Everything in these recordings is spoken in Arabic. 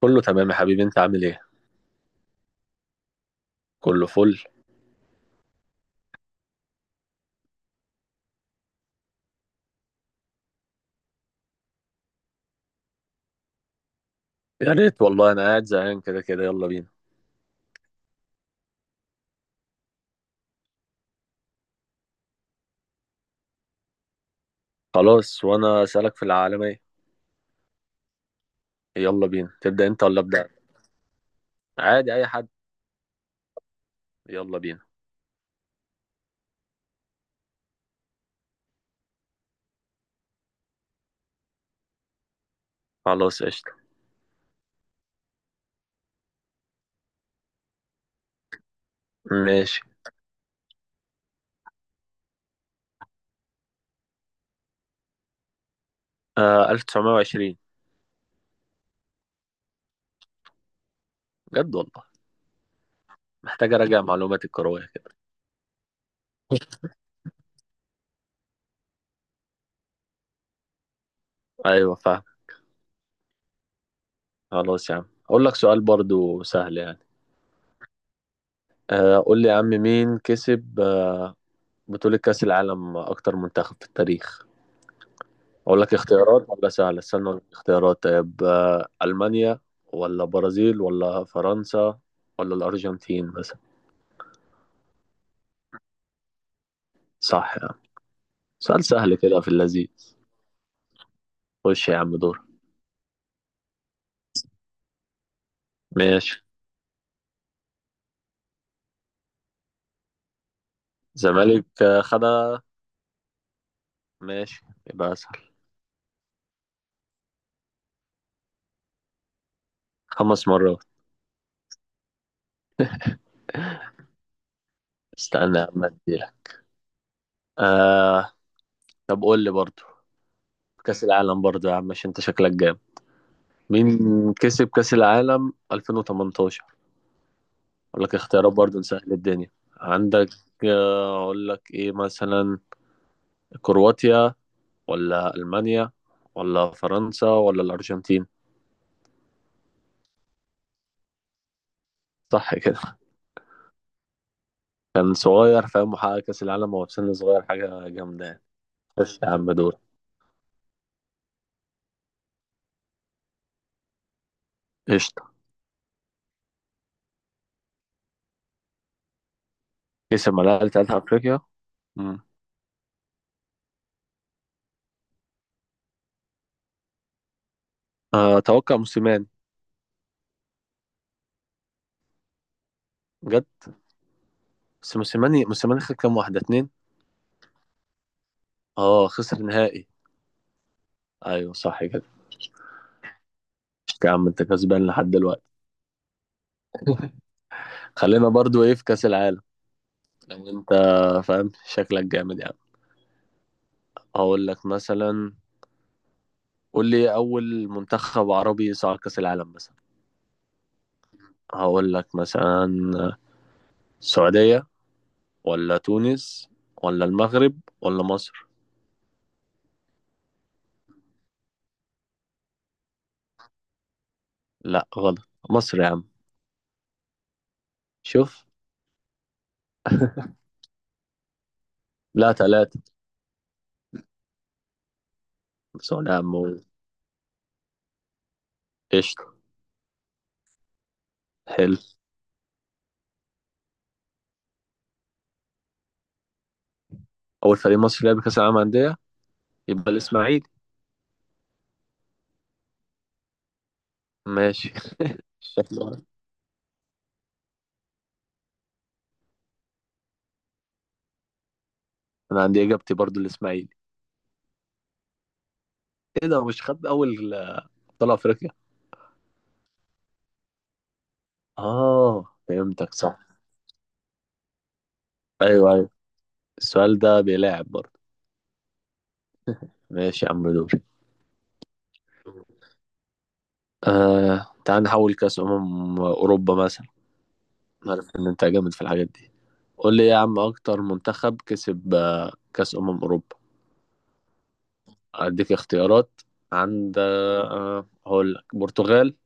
كله تمام يا حبيبي، انت عامل ايه؟ كله فل. يا ريت والله، انا قاعد زهقان كده كده، يلا بينا. خلاص، وانا اسالك في العالمية. يلا بينا، تبدا انت ولا ابدا؟ عادي اي حد. يلا بينا. خلاص قشطة. ماشي. آه، 1920. بجد والله؟ محتاج اراجع معلوماتي الكروية كده. ايوه فاهم. خلاص يا عم اقول لك سؤال برضو سهل يعني. آه، قول لي يا عم، مين كسب بطولة كأس العالم اكتر منتخب في التاريخ؟ اقول لك اختيارات ولا سهله؟ استنى اقول لك اختيارات. طيب المانيا، ولا برازيل، ولا فرنسا، ولا الارجنتين مثلا؟ صح يا عم. سؤال سهل كده في اللذيذ. خش يا عم دور. ماشي. زمالك خدها. ماشي. يبقى اسهل. خمس مرات. استنى يا عم اديلك. آه. طب قول لي برضو كأس العالم برضو يا عم، مش انت شكلك جامد. مين كسب كأس العالم 2018؟ اقول لك اختيارات برضو نسهل الدنيا. عندك اقول لك ايه مثلا، كرواتيا، ولا ألمانيا، ولا فرنسا، ولا الأرجنتين؟ صح كده. كان صغير فاهم، وحقق كأس العالم وهو في سن صغير، حاجة جامدة يعني. خش يا عم دور. قشطة. كسب ملاعب بتاعت أفريقيا. مم. آه، أتوقع موسيماني. جد؟ بس موسيماني خد كام، واحدة اتنين. اه خسر نهائي. أيوه صح كده. قشطة يا عم، أنت كسبان لحد دلوقتي. خلينا برضو إيه، في كأس العالم. لو أنت فاهم، شكلك جامد يعني. هقول لك مثلا، قول لي أول منتخب عربي صعد كأس العالم مثلا. هقول لك مثلا، السعودية، ولا تونس، ولا المغرب، ولا مصر؟ لا غلط، مصر يا عم. شوف. لا ثلاثة. سؤال يا عم. قشطة. حلو. أول فريق مصري لعب كأس العالم أندية؟ يبقى الإسماعيلي. ماشي. شكله. أنا عندي إجابتي برضو الإسماعيلي. إيه ده، مش خد أول أبطال أفريقيا؟ آه فهمتك، صح. أيوه أيوه. السؤال ده بيلاعب برضو. ماشي يا عم دوري. آه تعال نحول كأس أمم أوروبا مثلا. عارف إن أنت جامد في الحاجات دي. قول لي يا عم، أكتر منتخب كسب كأس أمم أوروبا. أديك اختيارات. عند هقول لك برتغال،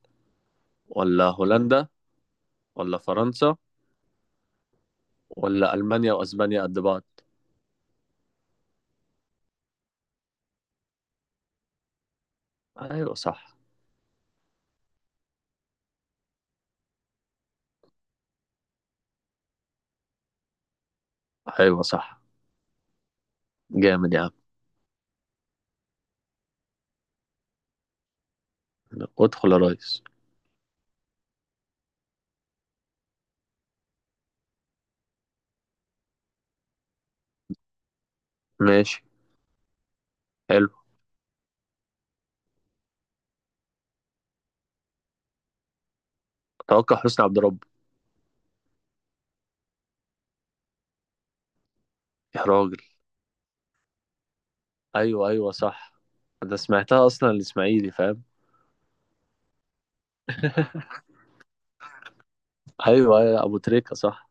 ولا هولندا، ولا فرنسا، ولا ألمانيا وأسبانيا قد بعض؟ أيوة صح. أيوة صح. جامد يا عم. ادخل يا ريس. ماشي. حلو. توقع حسني عبد رب. يا راجل. أيوة أيوة صح. أنا سمعتها أصلا، الإسماعيلي فاهم. أيوة أيوة أبو تريكة صح.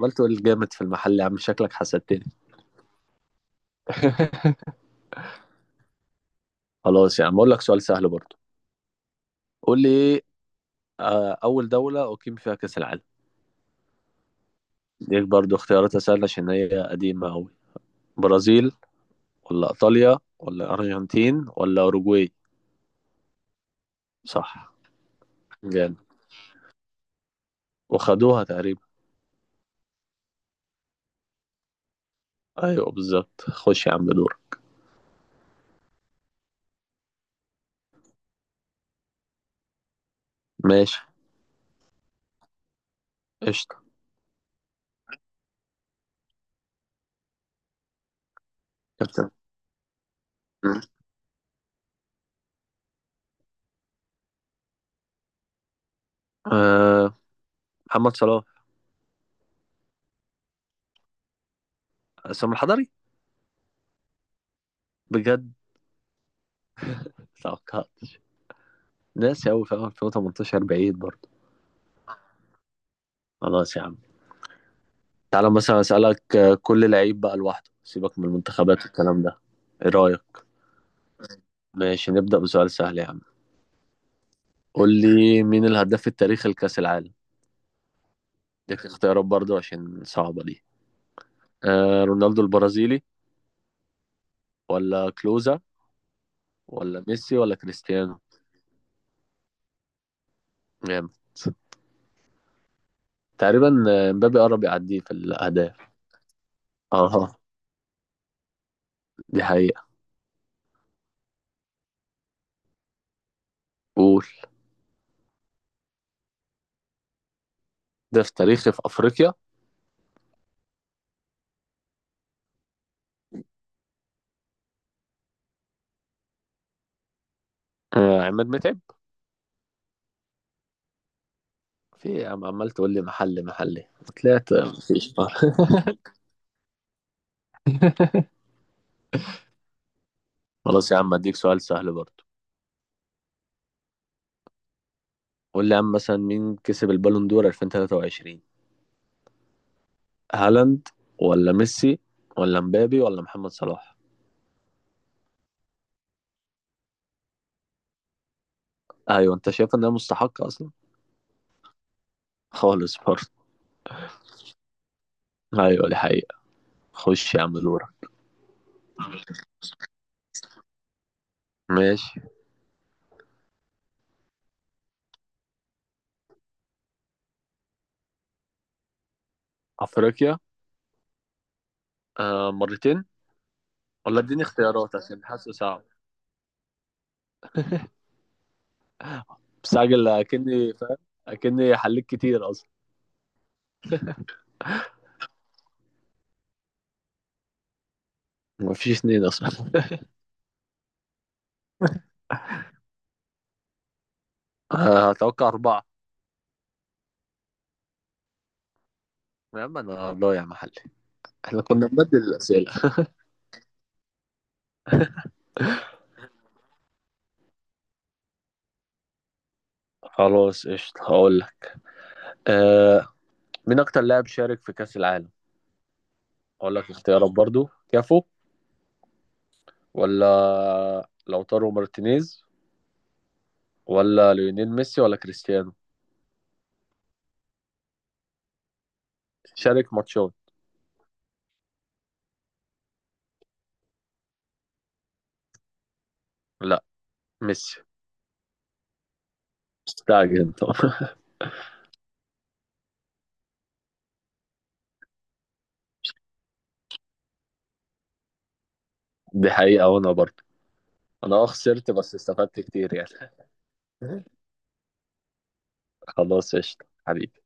عملت تقول جامد في المحل يا عم، شكلك حسدتني. خلاص يا عم أقول لك سؤال سهل برضه. قول لي ايه، اول دولة اقيم فيها كأس العالم. ديك برضو اختيارات سهلة عشان هي قديمة قوي. برازيل، ولا ايطاليا، ولا ارجنتين، ولا اوروجواي؟ صح. جامد. وخدوها تقريبا. ايوه بالظبط. خش يا عم دور. ماشي. قشطة. كابتن. أه محمد صلاح. سام الحضري. بجد؟ توقعتش. ناسي قوي، في 2018 بعيد برضو. خلاص يا عم. تعالى مثلا اسألك كل لعيب بقى لوحده، سيبك من المنتخبات والكلام ده. ايه رأيك؟ ماشي. نبدأ بسؤال سهل يا عم. قول لي مين الهداف التاريخي لكأس العالم. ليك اختيارات برضو عشان صعبة دي. آه رونالدو البرازيلي، ولا كلوزا، ولا ميسي، ولا كريستيانو؟ جامد. تقريبا مبابي قرب يعديه في الأهداف. اه، دي حقيقة. قول. هداف تاريخي في أفريقيا. آه عماد متعب. في إيه يا عم، عمال تقول لي محلي محلي. طلعت مفيش. خلاص يا عم اديك سؤال سهل برضو. قول لي يا عم مثلا، مين كسب البالون دور 2023؟ هالاند، ولا ميسي، ولا مبابي، ولا محمد صلاح؟ ايوه انت شايف انها مستحقه اصلا؟ خالص برضه. ايوه دي حقيقه. خش يا عم دورك. ماشي. افريقيا. آه مرتين. ولا اديني اختيارات عشان حاسه صعب. مستعجل اكني فاهم. اكني حليت كتير اصلا. مفيش اتنين اصلا. آه، اتوقع اربعه. يا عم انا ضايع يا محلي. احنا كنا بنبدل الاسئله. خلاص قشطة هقول لك. آه مين أكتر لاعب شارك في كأس العالم؟ أقول لك اختيارات برضو، كافو، ولا لوتارو مارتينيز، ولا ليونيل ميسي، ولا كريستيانو. شارك ماتشات. لا، ميسي. مستعجل انت. دي حقيقة وانا برضه. انا اه خسرت بس استفدت كتير يعني. خلاص قشطة حبيبي.